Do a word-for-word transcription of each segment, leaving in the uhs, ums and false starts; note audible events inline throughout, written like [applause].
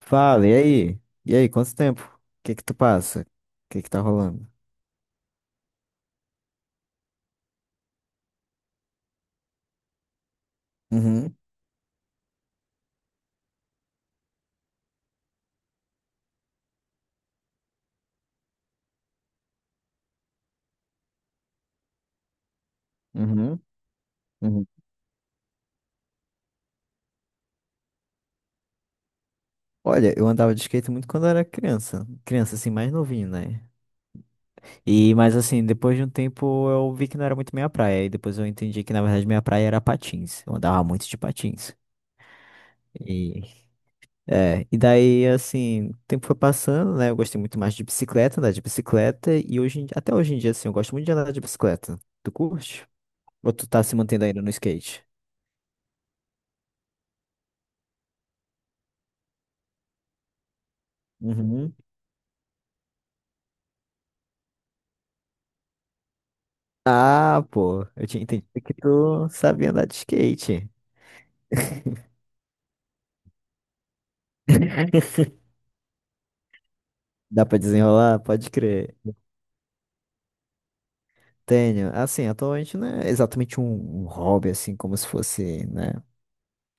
Fala, e aí? E aí, quanto tempo? O que que tu passa? O que que tá rolando? Uhum, uhum, uhum. Olha, eu andava de skate muito quando eu era criança. Criança, assim, mais novinho, né? E, mas assim, depois de um tempo eu vi que não era muito minha praia. E depois eu entendi que, na verdade, minha praia era patins. Eu andava muito de patins. E, é, e daí, assim, o tempo foi passando, né? Eu gostei muito mais de bicicleta, andar de bicicleta. E hoje, em- até hoje em dia, assim, eu gosto muito de andar de bicicleta. Tu curte? Ou tu tá se mantendo ainda no skate? Uhum. Ah, pô, eu tinha entendido que tu sabia andar de skate. [laughs] Dá pra desenrolar? Pode crer. Tenho. Assim, atualmente não é exatamente um, um hobby, assim, como se fosse, né?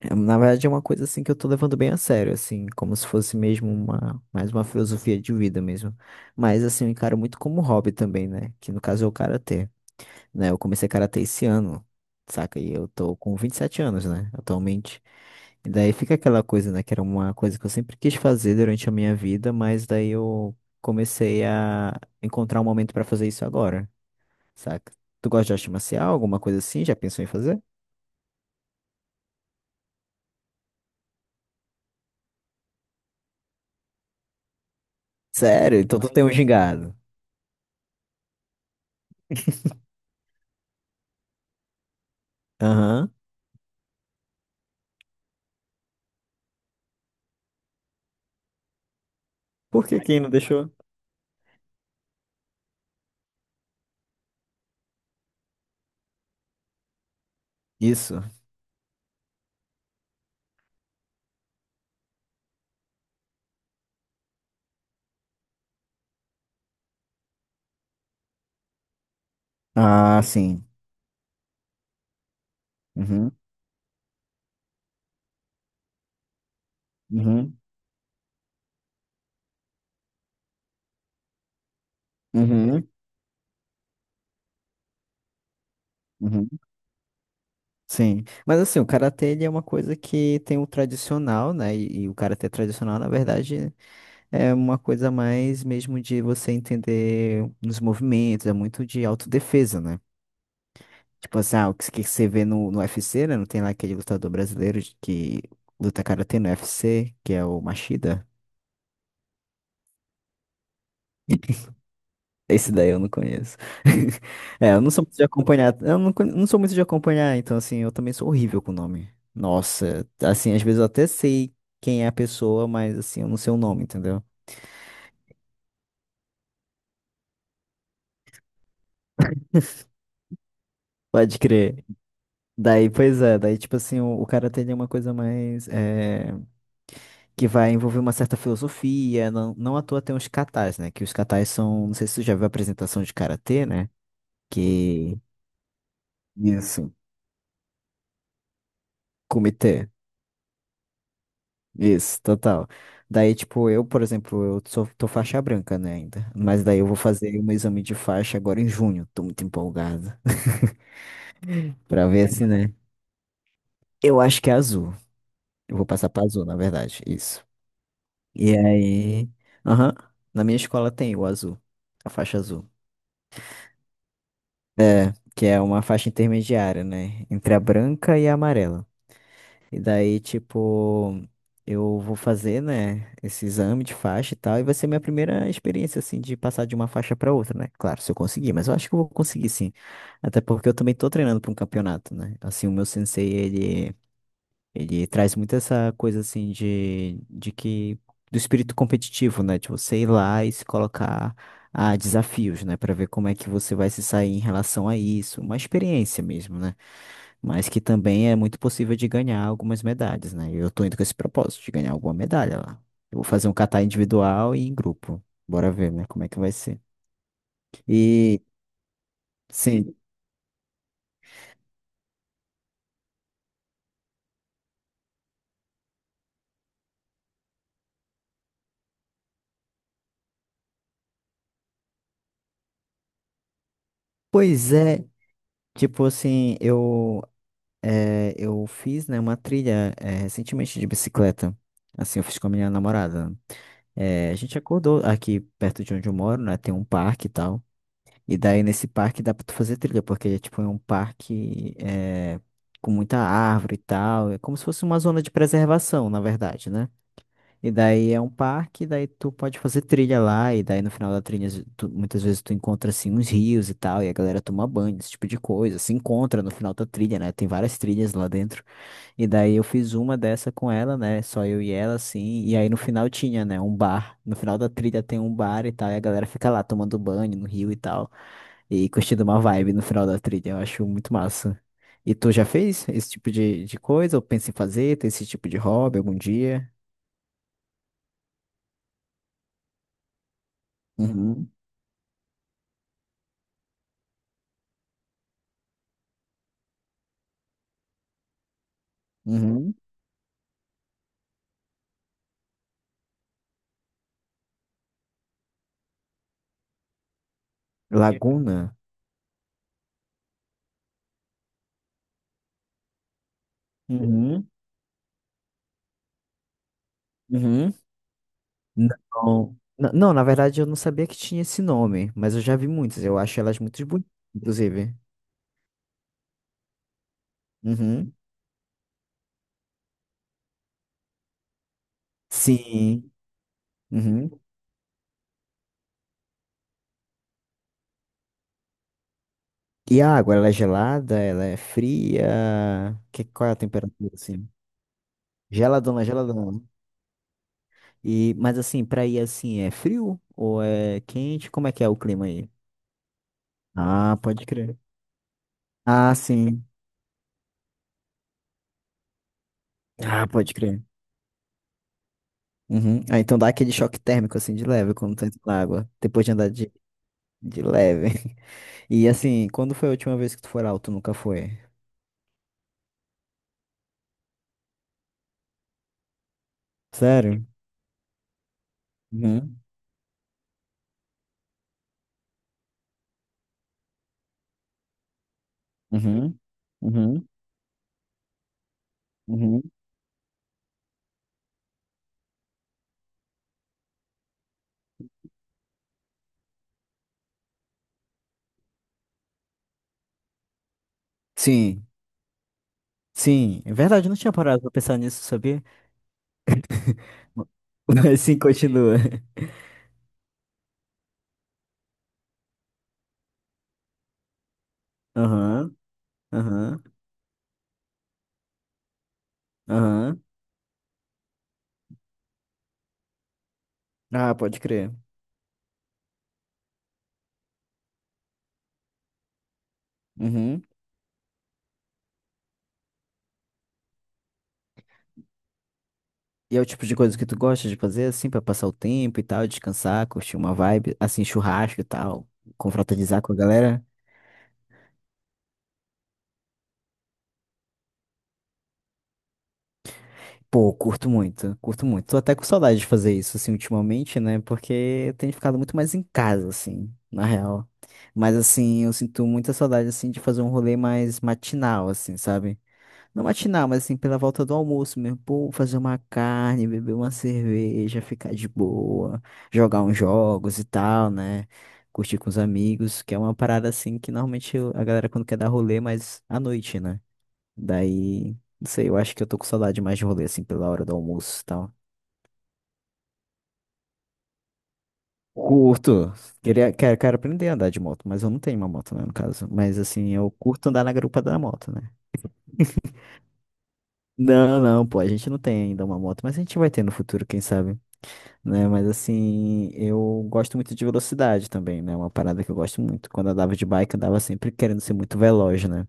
É, na verdade, é uma coisa, assim, que eu tô levando bem a sério, assim, como se fosse mesmo uma, mais uma filosofia de vida mesmo. Mas, assim, eu encaro muito como hobby também, né? Que no caso é o karatê, né? Eu comecei karatê esse ano, saca? E eu tô com vinte e sete anos, né? Atualmente. E daí fica aquela coisa, né? Que era uma coisa que eu sempre quis fazer durante a minha vida, mas daí eu comecei a encontrar um momento pra fazer isso agora, saca? Tu gosta de arte marcial, alguma coisa assim? Já pensou em fazer? Sério? Então tu tem um gingado. Aham. Por que quem não deixou? Isso. Ah, sim. Uhum. Uhum. Uhum. Uhum. Sim, mas assim, o karatê ele é uma coisa que tem o tradicional, né? E, e o karatê tradicional, na verdade, é uma coisa mais mesmo de você entender os movimentos, é muito de autodefesa, né? Tipo assim, ah, o que, que você vê no, no, U F C, né? Não tem lá aquele lutador brasileiro de- que luta karatê no U f c que é o Machida. Esse daí eu não conheço. [laughs] É, eu não sou muito de acompanhar. Eu não, con- não sou muito de acompanhar, então, assim, eu também sou horrível com o nome. Nossa, assim, às vezes eu até sei quem é a pessoa, mas, assim, eu não sei o nome, entendeu? Pode crer. Daí, pois é, daí, tipo assim, o, o cara tem uma coisa mais, é, que vai envolver uma certa filosofia. Não, não à toa tem os katas, né? Que os katas são. Não sei se você já viu a apresentação de karatê, né? Que. Isso. Comitê. Isso, total. Daí, tipo, eu, por exemplo, eu sou, tô faixa branca, né, ainda. Mas daí eu vou fazer um exame de faixa agora em junho. Tô muito empolgado. [laughs] Pra ver se, né? Eu acho que é azul. Eu vou passar pra azul, na verdade. Isso. E aí. Aham. Na minha escola tem o azul. A faixa azul. Que é uma faixa intermediária, né? Entre a branca e a amarela. E daí, tipo, eu vou fazer, né, esse exame de faixa e tal, e vai ser minha primeira experiência, assim, de passar de uma faixa pra outra, né? Claro, se eu conseguir, mas eu acho que eu vou conseguir sim. Até porque eu também tô treinando pra um campeonato, né? Assim, o meu sensei, ele, ele, traz muito essa coisa, assim, de, de que, do espírito competitivo, né? De você ir lá e se colocar a desafios, né? Pra ver como é que você vai se sair em relação a isso. Uma experiência mesmo, né? Mas que também é muito possível de ganhar algumas medalhas, né? Eu tô indo com esse propósito de ganhar alguma medalha lá. Eu vou fazer um catar individual e em grupo. Bora ver, né? Como é que vai ser. E, sim, pois é. Tipo assim, eu, é, eu fiz, né, uma trilha, é, recentemente de bicicleta. Assim, eu fiz com a minha namorada. É, a gente acordou aqui perto de onde eu moro, né? Tem um parque e tal. E daí nesse parque dá pra tu fazer trilha, porque ele é tipo é um parque é, com muita árvore e tal. É como se fosse uma zona de preservação, na verdade, né? E daí é um parque, daí tu pode fazer trilha lá, e daí no final da trilha tu- muitas vezes tu encontra assim uns rios e tal, e a galera toma banho, esse tipo de coisa. Se encontra no final da trilha, né? Tem várias trilhas lá dentro. E daí eu fiz uma dessa com ela, né? Só eu e ela, assim. E aí no final tinha, né? Um bar. No final da trilha tem um bar e tal, e a galera fica lá tomando banho no rio e tal e curtindo uma vibe no final da trilha. Eu acho muito massa. E tu já fez esse tipo de, de coisa? Ou pensa em fazer? Tem esse tipo de hobby algum dia? Uhum, uhum. Laguna? Uhum, uhum. Não. N- Não, na verdade eu não sabia que tinha esse nome, mas eu já vi muitas. Eu acho elas muito bonitas, inclusive. Uhum. Sim. Uhum. E a água, ela é gelada? Ela é fria? Que, qual é a temperatura, assim? Geladona, geladona. E, mas assim, pra ir assim, é frio ou é quente? Como é que é o clima aí? Ah, pode crer. Ah, sim. Ah, pode crer. Uhum. Ah, então dá aquele choque térmico assim de leve quando tá entrando na água, depois de andar de, de leve. [laughs] E assim, quando foi a última vez que tu foi lá ou tu nunca foi? Sério? Uhum. Uhum. Uhum. Uhum. Sim. Sim. É verdade, eu não tinha parado pra pensar nisso, sabia? Ma- [laughs] Mas sim, continua. Aham. Aham. Aham. Ah, pode crer. Uhum. E é o tipo de coisa que tu gosta de fazer, assim, pra passar o tempo e tal, descansar, curtir uma vibe, assim, churrasco e tal, confraternizar com a galera. Pô, curto muito, curto muito. Tô até com saudade de fazer isso, assim, ultimamente, né? Porque eu tenho ficado muito mais em casa, assim, na real. Mas, assim, eu sinto muita saudade, assim, de fazer um rolê mais matinal, assim, sabe? Não matinal, mas assim, pela volta do almoço mesmo. Pô, fazer uma carne, beber uma cerveja, ficar de boa, jogar uns jogos e tal, né? Curtir com os amigos, que é uma parada assim que normalmente eu- a galera quando quer dar rolê, mas à noite, né? Daí, não sei, eu acho que eu tô com saudade mais de rolê, assim, pela hora do almoço e tal. Curto. Queria, quero, quero aprender a andar de moto, mas eu não tenho uma moto, né, no caso. Mas assim, eu curto andar na garupa da moto, né? Não, não, pô, a gente não tem ainda uma moto, mas a gente vai ter no futuro, quem sabe, né? Mas assim, eu gosto muito de velocidade também, né? Uma parada que eu gosto muito. Quando eu andava de bike, eu andava sempre querendo ser muito veloz, né?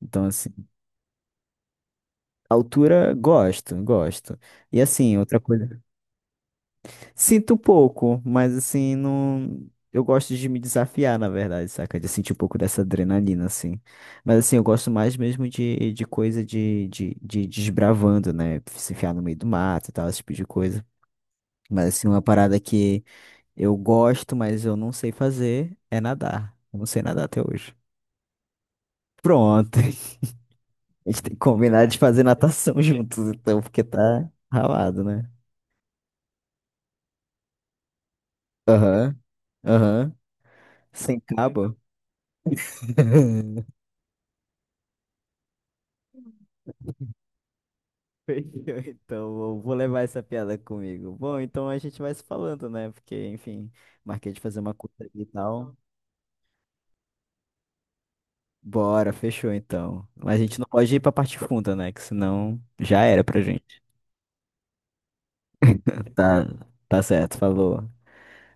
Então, assim, altura, gosto, gosto. E assim, outra coisa, sinto um pouco, mas assim, não. Eu gosto de me desafiar, na verdade, saca? De sentir um pouco dessa adrenalina, assim. Mas assim, eu gosto mais mesmo de, de coisa de, de, de desbravando, né? Se enfiar no meio do mato e tal, esse tipo de coisa. Mas assim, uma parada que eu gosto, mas eu não sei fazer, é nadar. Eu não sei nadar até hoje. Pronto. [laughs] A gente tem que combinar de fazer natação [laughs] juntos, então, porque tá ralado, né? Aham, aham. Sem cabo? [laughs] Fechou, então, eu vou levar essa piada comigo. Bom, então a gente vai se falando, né? Porque, enfim, marquei de fazer uma curta aqui e tal. Bora, fechou então. Mas a gente não pode ir pra parte funda, né? Que senão já era pra gente. Tá, tá certo, falou.